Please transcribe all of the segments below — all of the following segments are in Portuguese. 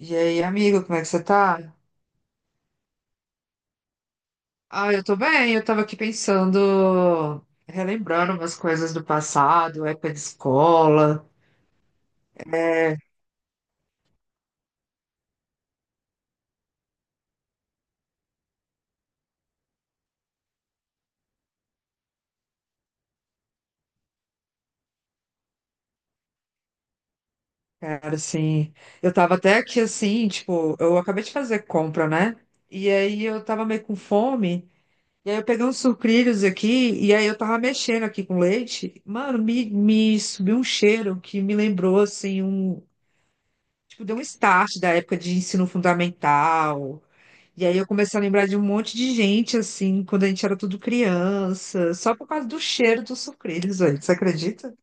E aí, amigo, como é que você tá? Ah, eu tô bem, eu tava aqui pensando, relembrando umas coisas do passado, época de escola. É, cara, assim, eu tava até aqui assim, tipo, eu acabei de fazer compra, né? E aí eu tava meio com fome, e aí eu peguei uns sucrilhos aqui, e aí eu tava mexendo aqui com leite. Mano, me subiu um cheiro que me lembrou, assim, Tipo, deu um start da época de ensino fundamental. E aí eu comecei a lembrar de um monte de gente, assim, quando a gente era tudo criança, só por causa do cheiro dos sucrilhos, velho. Você acredita?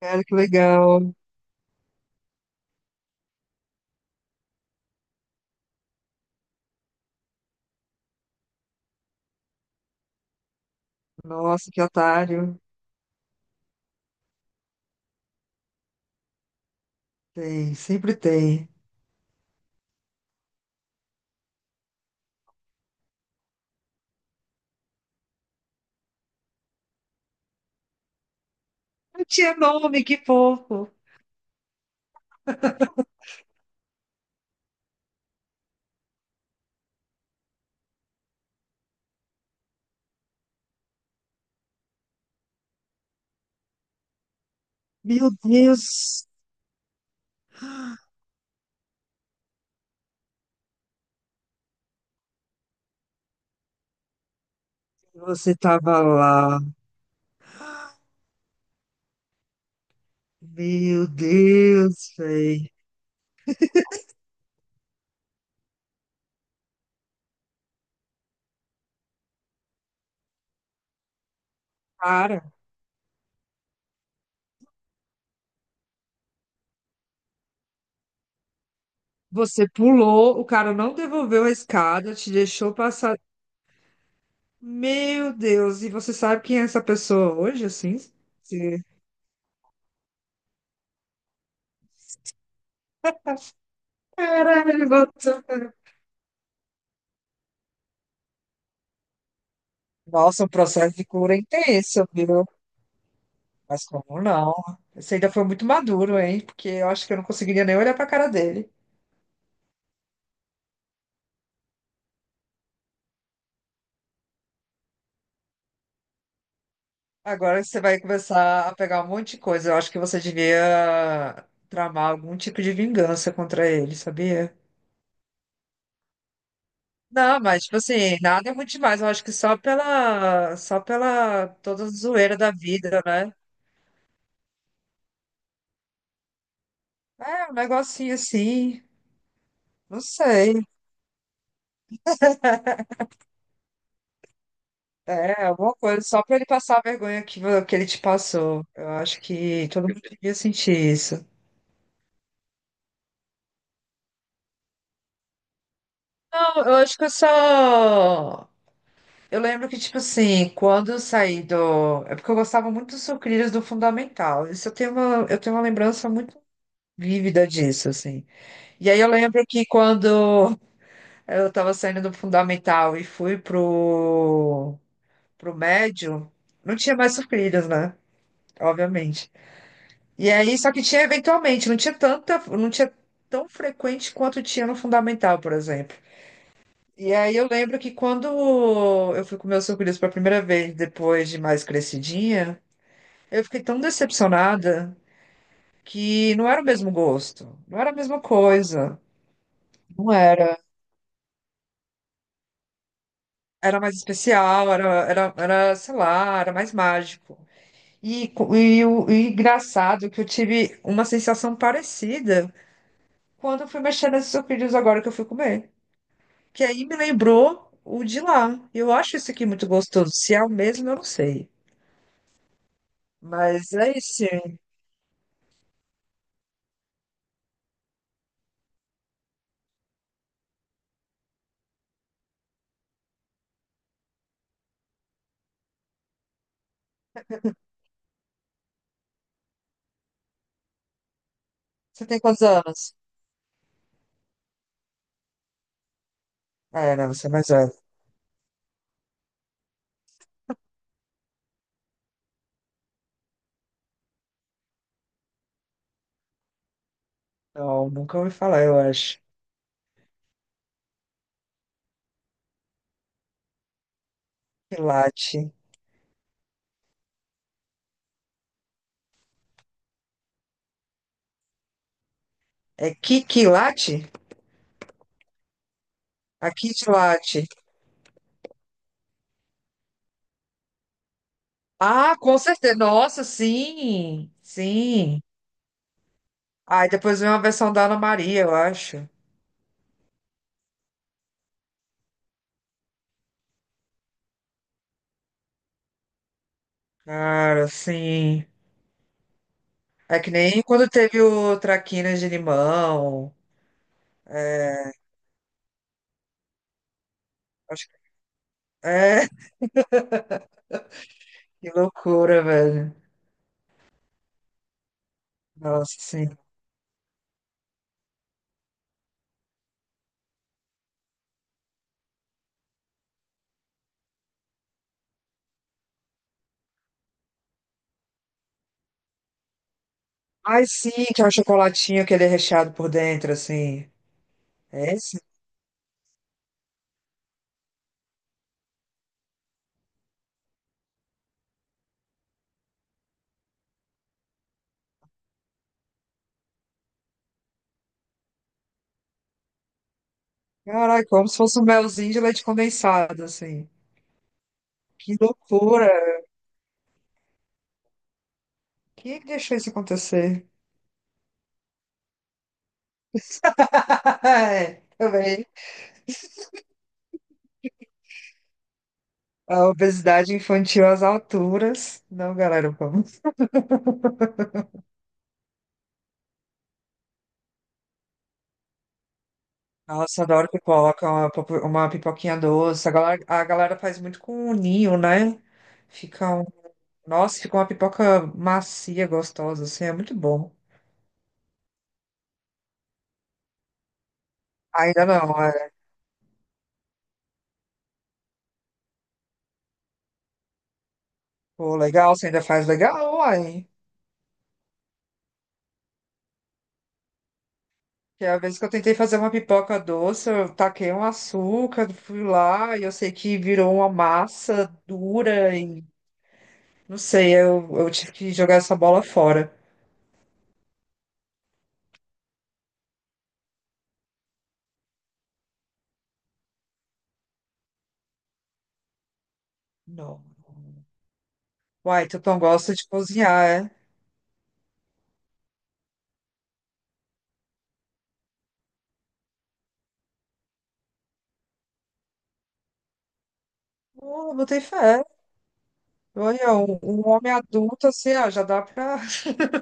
Cara, que legal. Nossa, que otário. Tem, sempre tem. Não tinha nome, que fofo. Meu Deus, você tava lá. Meu Deus, velho. Cara, você pulou, o cara não devolveu a escada, te deixou passar. Meu Deus, e você sabe quem é essa pessoa hoje, assim? Caralho, doutor. Nossa, o processo de cura é intenso, viu? Mas como não? Você ainda foi muito maduro, hein? Porque eu acho que eu não conseguiria nem olhar pra cara dele. Agora você vai começar a pegar um monte de coisa. Eu acho que você devia tramar algum tipo de vingança contra ele, sabia? Não, mas tipo assim, nada é muito demais. Eu acho que só pela toda a zoeira da vida, né? É, um negocinho assim. Não sei. É, alguma coisa, só pra ele passar a vergonha que, que ele te passou. Eu acho que todo mundo devia sentir isso. Não, eu acho que eu só. Eu lembro que, tipo assim, quando eu saí do. É porque eu gostava muito dos sucrilhos do Fundamental. Isso eu tenho uma lembrança muito vívida disso, assim. E aí eu lembro que quando eu tava saindo do Fundamental e fui pro, pro médio, não tinha mais sucrilhos, né? Obviamente. E aí, só que tinha eventualmente, não tinha tão frequente quanto tinha no fundamental, por exemplo. E aí eu lembro que quando eu fui comer o sucrilhos pela primeira vez, depois de mais crescidinha, eu fiquei tão decepcionada que não era o mesmo gosto, não era a mesma coisa, não era. Era mais especial, sei lá, era mais mágico. E engraçado que eu tive uma sensação parecida quando eu fui mexer nesses sucrilhos agora que eu fui comer, que aí me lembrou o de lá. E eu acho isso aqui muito gostoso. Se é o mesmo, eu não sei. Mas é isso, sim. Você tem quantos anos? Ah, é, não, você é mais velho. Não, nunca ouvi falar, eu acho. Quilate. É Kikilate? A Kitilate. Ah, com certeza. Nossa, sim. Sim. Ah, e depois veio uma versão da Ana Maria, eu acho. Cara, sim. É que nem quando teve o Traquinas de Limão. Acho que... É, que loucura, velho. Nossa, sim. Ai, sim, que é o chocolatinho que ele é recheado por dentro, assim. É esse? Caraca, como se fosse um melzinho de leite condensado, assim. Que loucura! Quem é que deixou isso acontecer? É, também. A obesidade infantil às alturas. Não, galera, vamos. Nossa, adoro pipoca, uma pipoquinha doce. A galera faz muito com o ninho, né? Fica um... Nossa, fica uma pipoca macia, gostosa, assim, é muito bom. Ainda não. Pô, legal, você ainda faz legal, uai. Que é a vez que eu tentei fazer uma pipoca doce, eu taquei um açúcar, fui lá e eu sei que virou uma massa dura e não sei, eu tive que jogar essa bola fora. Não. Uai, tu não gosta de cozinhar, é? Pô, botei fé. Olha, um homem adulto assim, ah, já dá pra.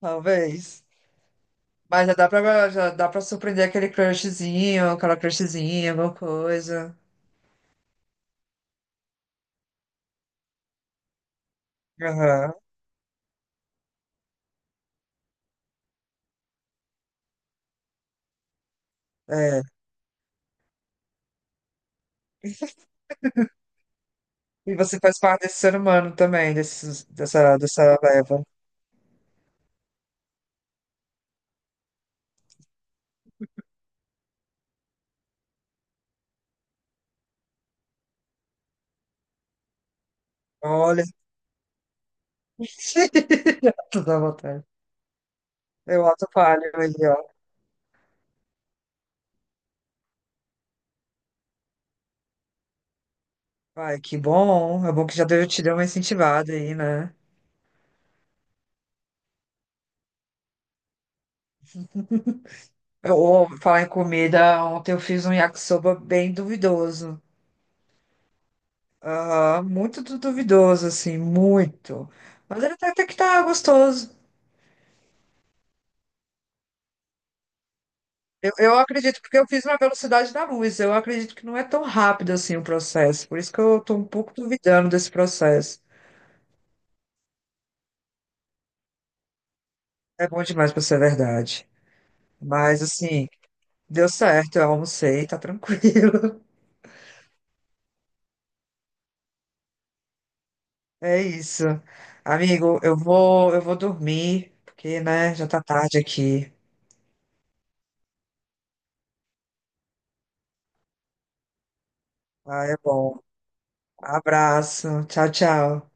Talvez. Mas já dá pra surpreender aquele crushzinho, aquela crushzinha, alguma coisa. Aham, é. E você faz parte desse ser humano também, dessa leva. Olha, tudo à vontade. Eu auto falho aí, ó. Ai, que bom. É bom que já deu, te deu uma incentivada aí, né? Ou falar em comida, ontem eu fiz um yakisoba bem duvidoso. Aham, muito duvidoso, assim, muito. Mas ele até, até que tá gostoso. Eu acredito, porque eu fiz na velocidade da luz. Eu acredito que não é tão rápido assim o processo. Por isso que eu tô um pouco duvidando desse processo. É bom demais pra ser verdade. Mas, assim, deu certo, eu almocei, tá tranquilo. É isso. Amigo, eu vou dormir, porque, né, já tá tarde aqui. Ah, é bom. Abraço. Tchau, tchau.